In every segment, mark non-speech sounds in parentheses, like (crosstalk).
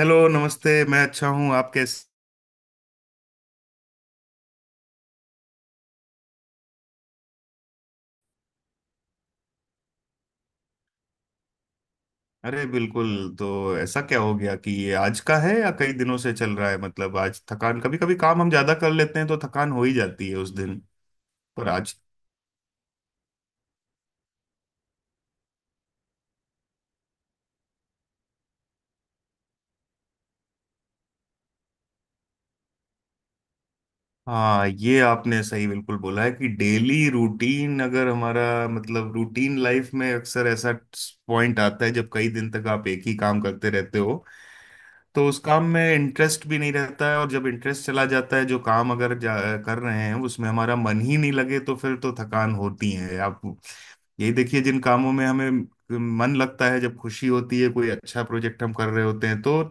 Hello, नमस्ते। मैं अच्छा हूँ। आप कैसे? अरे बिल्कुल। तो ऐसा क्या हो गया कि ये आज का है या कई दिनों से चल रहा है? मतलब आज थकान, कभी कभी काम हम ज्यादा कर लेते हैं तो थकान हो ही जाती है उस दिन। पर आज? हाँ, ये आपने सही बिल्कुल बोला है कि डेली रूटीन अगर हमारा मतलब रूटीन लाइफ में अक्सर ऐसा पॉइंट आता है जब कई दिन तक आप एक ही काम करते रहते हो। तो उस काम में इंटरेस्ट भी नहीं रहता है, और जब इंटरेस्ट चला जाता है, जो काम अगर कर रहे हैं उसमें हमारा मन ही नहीं लगे तो फिर तो थकान होती है आप। यही देखिए, जिन कामों में हमें मन लगता है, जब खुशी होती है, कोई अच्छा प्रोजेक्ट हम कर रहे होते हैं, तो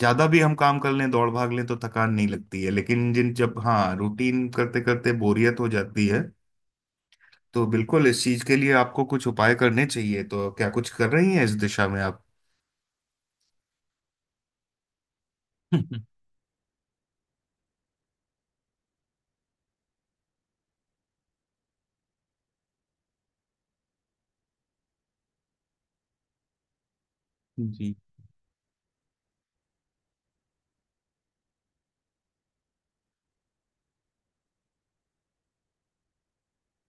ज्यादा भी हम काम कर लें दौड़ भाग लें तो थकान नहीं लगती है। लेकिन जिन जब हाँ रूटीन करते करते बोरियत हो जाती है तो बिल्कुल इस चीज के लिए आपको कुछ उपाय करने चाहिए। तो क्या कुछ कर रही हैं इस दिशा में आप? (laughs) जी,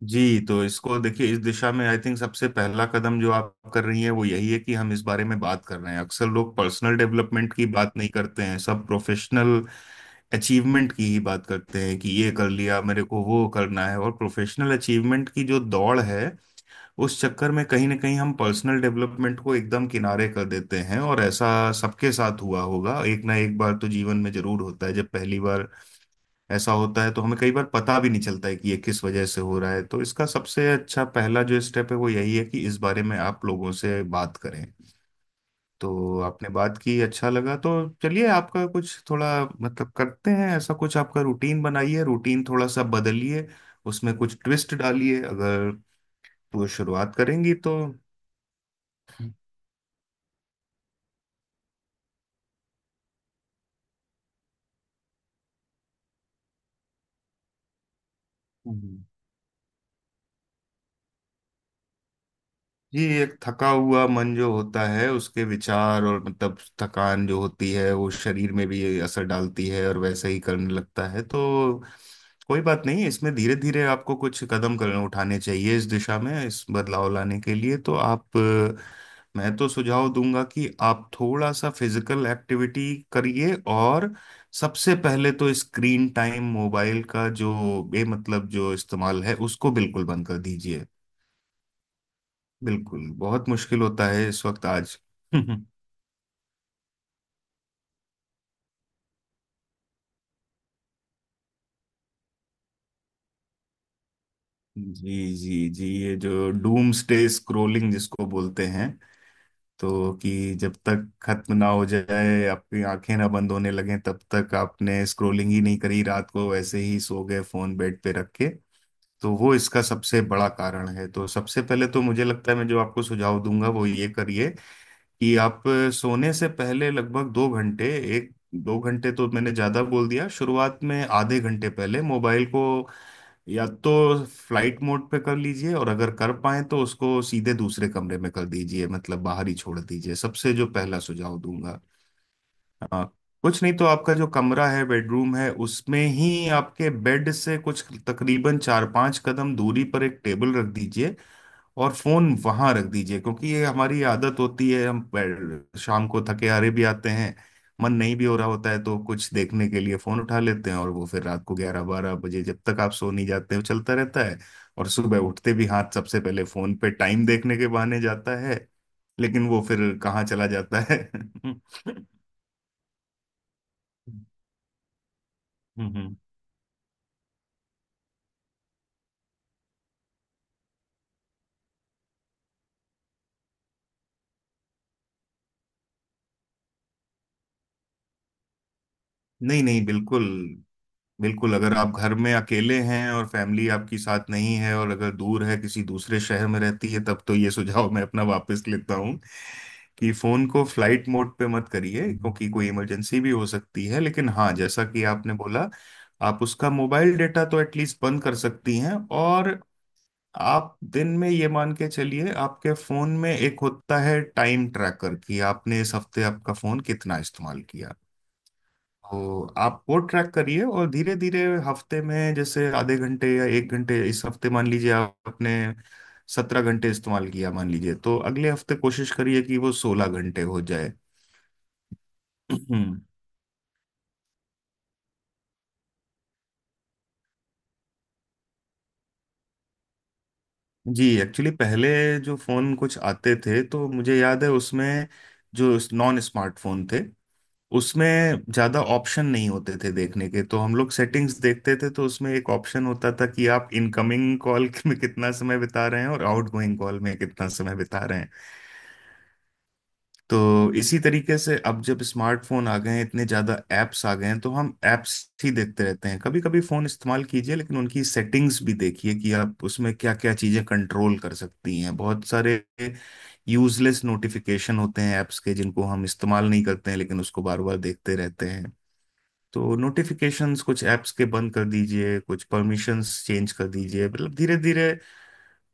जी। तो इसको देखिए, इस दिशा में आई थिंक सबसे पहला कदम जो आप कर रही हैं वो यही है कि हम इस बारे में बात कर रहे हैं। अक्सर लोग पर्सनल डेवलपमेंट की बात नहीं करते हैं, सब प्रोफेशनल अचीवमेंट की ही बात करते हैं कि ये कर लिया, मेरे को वो करना है। और प्रोफेशनल अचीवमेंट की जो दौड़ है उस चक्कर में कहीं ना कहीं हम पर्सनल डेवलपमेंट को एकदम किनारे कर देते हैं। और ऐसा सबके साथ हुआ होगा, एक ना एक बार तो जीवन में जरूर होता है। जब पहली बार ऐसा होता है तो हमें कई बार पता भी नहीं चलता है कि ये किस वजह से हो रहा है। तो इसका सबसे अच्छा पहला जो स्टेप है वो यही है कि इस बारे में आप लोगों से बात करें। तो आपने बात की, अच्छा लगा। तो चलिए, आपका कुछ थोड़ा मतलब करते हैं ऐसा कुछ। आपका रूटीन बनाइए, रूटीन थोड़ा सा बदलिए, उसमें कुछ ट्विस्ट डालिए। अगर वो शुरुआत करेंगी तो। हम्म। जी। एक थका हुआ मन जो होता है उसके विचार और मतलब थकान जो होती है वो शरीर में भी असर डालती है, और वैसे ही करने लगता है। तो कोई बात नहीं, इसमें धीरे धीरे आपको कुछ कदम करने उठाने चाहिए इस दिशा में, इस बदलाव लाने के लिए। तो आप मैं तो सुझाव दूंगा कि आप थोड़ा सा फिजिकल एक्टिविटी करिए। और सबसे पहले तो स्क्रीन टाइम, मोबाइल का जो बेमतलब जो इस्तेमाल है उसको बिल्कुल बंद कर दीजिए। बिल्कुल, बहुत मुश्किल होता है इस वक्त आज। (laughs) जी, जी, जी, ये जो डूम्सडे स्क्रोलिंग जिसको बोलते हैं, तो कि जब तक खत्म ना हो जाए, आपकी आंखें ना बंद होने लगें तब तक आपने स्क्रोलिंग ही नहीं करी, रात को ऐसे ही सो गए फोन बेड पे रख के। तो वो इसका सबसे बड़ा कारण है। तो सबसे पहले तो मुझे लगता है मैं जो आपको सुझाव दूंगा वो ये करिए कि आप सोने से पहले लगभग 2 घंटे, 1-2 घंटे तो मैंने ज्यादा बोल दिया, शुरुआत में आधे घंटे पहले मोबाइल को या तो फ्लाइट मोड पे कर लीजिए। और अगर कर पाए तो उसको सीधे दूसरे कमरे में कर दीजिए, मतलब बाहर ही छोड़ दीजिए, सबसे जो पहला सुझाव दूंगा। हाँ, कुछ नहीं तो आपका जो कमरा है, बेडरूम है, उसमें ही आपके बेड से कुछ तकरीबन चार पांच कदम दूरी पर एक टेबल रख दीजिए, और फोन वहां रख दीजिए। क्योंकि ये हमारी आदत होती है, हम शाम को थके हारे भी आते हैं, मन नहीं भी हो रहा होता है तो कुछ देखने के लिए फोन उठा लेते हैं, और वो फिर रात को 11-12 बजे जब तक आप सो नहीं जाते वो चलता रहता है। और सुबह उठते भी हाथ सबसे पहले फोन पे टाइम देखने के बहाने जाता है, लेकिन वो फिर कहाँ चला जाता है। (laughs) हम्म। हम्म। नहीं नहीं, बिल्कुल। बिल्कुल अगर आप घर में अकेले हैं और फैमिली आपकी साथ नहीं है और अगर दूर है, किसी दूसरे शहर में रहती है, तब तो ये सुझाव मैं अपना वापस लेता हूँ कि फोन को फ्लाइट मोड पे मत करिए, क्योंकि कोई इमरजेंसी भी हो सकती है। लेकिन हाँ, जैसा कि आपने बोला, आप उसका मोबाइल डेटा तो एटलीस्ट बंद कर सकती हैं। और आप दिन में ये मान के चलिए, आपके फोन में एक होता है टाइम ट्रैकर कि आपने इस हफ्ते आपका फोन कितना इस्तेमाल किया। तो आप वो ट्रैक करिए, और धीरे धीरे हफ्ते में जैसे आधे घंटे या एक घंटे, इस हफ्ते मान लीजिए आपने 17 घंटे इस्तेमाल किया मान लीजिए, तो अगले हफ्ते कोशिश करिए कि वो 16 घंटे हो जाए। (clears throat) हम्म, जी। एक्चुअली पहले जो फोन कुछ आते थे तो मुझे याद है उसमें जो नॉन स्मार्टफोन थे, उसमें ज्यादा ऑप्शन नहीं होते थे देखने के, तो हम लोग सेटिंग्स देखते थे। तो उसमें एक ऑप्शन होता था कि आप इनकमिंग कॉल (laughs) में कितना समय बिता रहे हैं, और आउटगोइंग कॉल में कितना समय बिता रहे हैं। तो इसी तरीके से अब जब स्मार्टफोन आ गए हैं, इतने ज्यादा एप्स आ गए हैं, तो हम एप्स ही देखते रहते हैं। कभी कभी फोन इस्तेमाल कीजिए लेकिन उनकी सेटिंग्स भी देखिए कि आप उसमें क्या क्या चीजें कंट्रोल कर सकती हैं। बहुत सारे यूजलेस नोटिफिकेशन होते हैं एप्स के, जिनको हम इस्तेमाल नहीं करते हैं लेकिन उसको बार बार देखते रहते हैं। तो नोटिफिकेशंस कुछ ऐप्स के बंद कर दीजिए, कुछ परमिशंस चेंज कर दीजिए, मतलब धीरे धीरे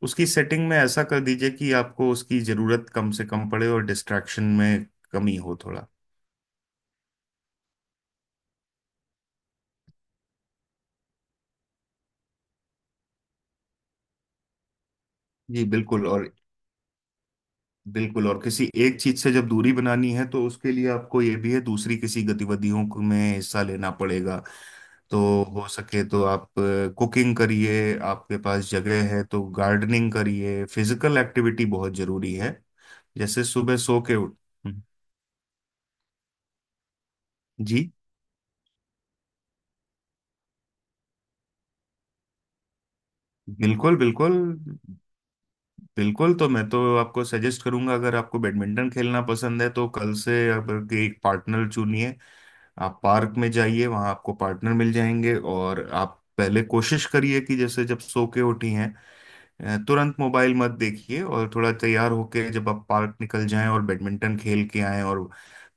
उसकी सेटिंग में ऐसा कर दीजिए कि आपको उसकी ज़रूरत कम से कम पड़े और डिस्ट्रैक्शन में कमी हो थोड़ा। जी बिल्कुल। और बिल्कुल, और किसी एक चीज़ से जब दूरी बनानी है तो उसके लिए आपको ये भी है दूसरी किसी गतिविधियों में हिस्सा लेना पड़ेगा। तो हो सके तो आप कुकिंग करिए, आपके पास जगह है तो गार्डनिंग करिए, फिजिकल एक्टिविटी बहुत ज़रूरी है। जैसे सुबह सो के उठ। जी। बिल्कुल, बिल्कुल, बिल्कुल, तो मैं तो आपको सजेस्ट करूंगा, अगर आपको बैडमिंटन खेलना पसंद है तो कल से आप एक पार्टनर चुनिए। आप पार्क में जाइए, वहां आपको पार्टनर मिल जाएंगे। और आप पहले कोशिश करिए कि जैसे जब सो के उठी हैं तुरंत मोबाइल मत देखिए। और थोड़ा तैयार होके जब आप पार्क निकल जाएं और बैडमिंटन खेल के आएं, और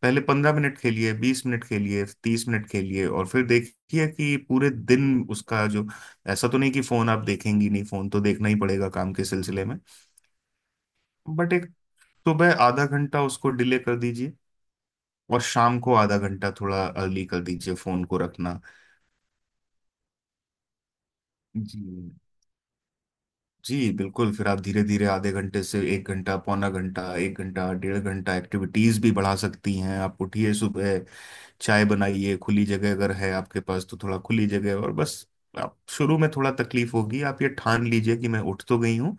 पहले 15 मिनट खेलिए, 20 मिनट खेलिए, 30 मिनट खेलिए, और फिर देखिए कि पूरे दिन उसका जो। ऐसा तो नहीं कि फोन आप देखेंगी नहीं, फोन तो देखना ही पड़ेगा काम के सिलसिले में। बट एक सुबह आधा घंटा उसको डिले कर दीजिए, और शाम को आधा घंटा थोड़ा अर्ली कर दीजिए फोन को रखना। जी, जी, बिल्कुल। फिर आप धीरे धीरे आधे घंटे से एक घंटा, पौना घंटा, एक घंटा, डेढ़ घंटा एक्टिविटीज भी बढ़ा सकती हैं। आप उठिए सुबह, चाय बनाइए, खुली जगह अगर है आपके पास तो थोड़ा खुली जगह। और बस आप शुरू में थोड़ा तकलीफ होगी। आप ये ठान लीजिए कि मैं उठ तो गई हूँ,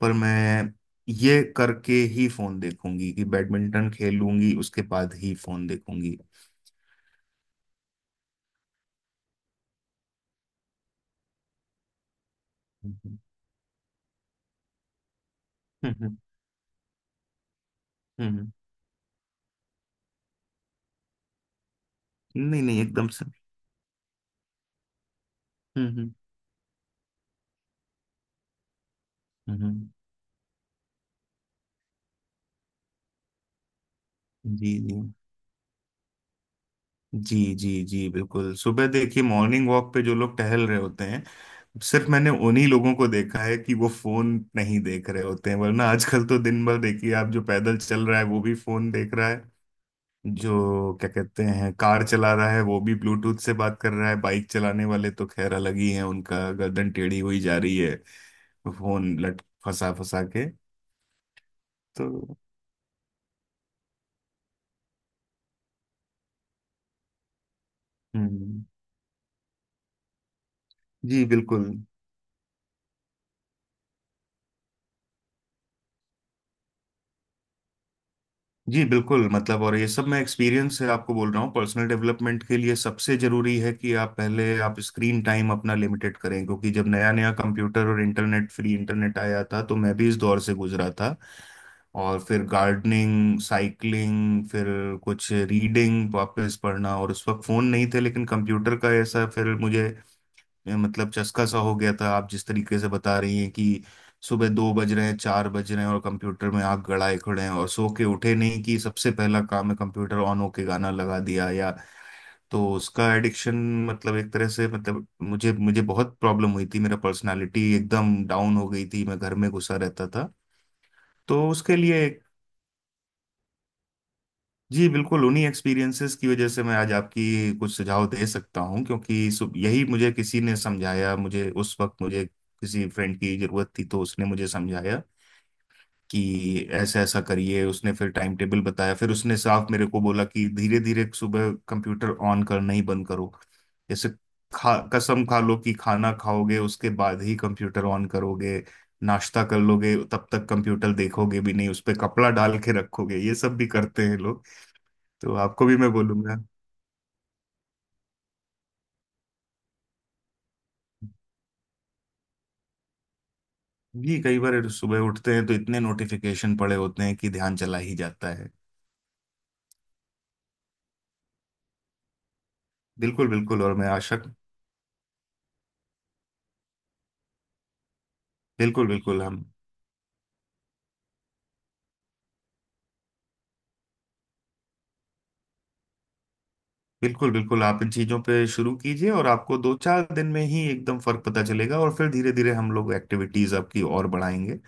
पर मैं ये करके ही फोन देखूंगी कि बैडमिंटन खेलूंगी उसके बाद ही फोन देखूंगी। हम्म, हम्म, हम्म। नहीं नहीं, एकदम से। हम्म, हम्म, हम्म। जी, जी, जी, जी, जी, बिल्कुल। सुबह देखिए, मॉर्निंग वॉक पे जो लोग टहल रहे होते हैं, सिर्फ मैंने उन्हीं लोगों को देखा है कि वो फोन नहीं देख रहे होते हैं। वरना आजकल तो दिन भर देखिए, आप जो पैदल चल रहा है वो भी फोन देख रहा है, जो क्या कहते हैं कार चला रहा है वो भी ब्लूटूथ से बात कर रहा है। बाइक चलाने वाले तो खैर अलग ही है, उनका गर्दन टेढ़ी हुई जा रही है फोन लट फंसा फंसा के। तो हम्म। जी बिल्कुल। जी बिल्कुल, मतलब और ये सब मैं एक्सपीरियंस से आपको बोल रहा हूँ। पर्सनल डेवलपमेंट के लिए सबसे जरूरी है कि आप पहले आप स्क्रीन टाइम अपना लिमिटेड करें। क्योंकि जब नया नया कंप्यूटर और इंटरनेट, फ्री इंटरनेट आया था तो मैं भी इस दौर से गुजरा था। और फिर गार्डनिंग, साइकिलिंग, फिर कुछ रीडिंग वापस पढ़ना। और उस वक्त फ़ोन नहीं थे, लेकिन कंप्यूटर का ऐसा फिर मुझे मतलब चस्का सा हो गया था। आप जिस तरीके से बता रही हैं कि सुबह 2 बज रहे हैं, 4 बज रहे हैं, और कंप्यूटर में आप गड़ाए खड़े हैं, और सो के उठे नहीं कि सबसे पहला काम है कंप्यूटर ऑन होके गाना लगा दिया, या तो उसका एडिक्शन मतलब एक तरह से मतलब मुझे मुझे बहुत प्रॉब्लम हुई थी, मेरा पर्सनालिटी एकदम डाउन हो गई थी, मैं घर में घुसा रहता था। तो उसके लिए जी बिल्कुल, उन्हीं एक्सपीरियंसेस की वजह से मैं आज आपकी कुछ सुझाव दे सकता हूँ। क्योंकि यही मुझे किसी ने समझाया, मुझे उस वक्त मुझे किसी फ्रेंड की जरूरत थी तो उसने मुझे समझाया कि ऐसा ऐसा करिए। उसने फिर टाइम टेबल बताया, फिर उसने साफ मेरे को बोला कि धीरे धीरे सुबह कंप्यूटर ऑन करना ही बंद करो। जैसे खा कसम खा लो कि खाना खाओगे उसके बाद ही कंप्यूटर ऑन करोगे, नाश्ता कर लोगे तब तक कंप्यूटर देखोगे भी नहीं, उस पे कपड़ा डाल के रखोगे ये सब भी करते हैं। तो आपको भी मैं बोलूंगा। जी, कई बार सुबह उठते हैं तो इतने नोटिफिकेशन पड़े होते हैं कि ध्यान चला ही जाता है। बिल्कुल बिल्कुल, और मैं आशा। बिल्कुल बिल्कुल, हम। बिल्कुल बिल्कुल, आप इन चीजों पे शुरू कीजिए और आपको दो चार दिन में ही एकदम फर्क पता चलेगा। और फिर धीरे धीरे हम लोग एक्टिविटीज आपकी और बढ़ाएंगे।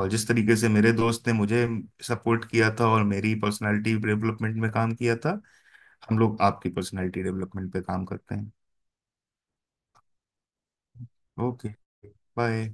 और जिस तरीके से मेरे दोस्त ने मुझे सपोर्ट किया था और मेरी पर्सनालिटी डेवलपमेंट में काम किया था, हम लोग आपकी पर्सनालिटी डेवलपमेंट पे काम करते हैं। ओके। बाय।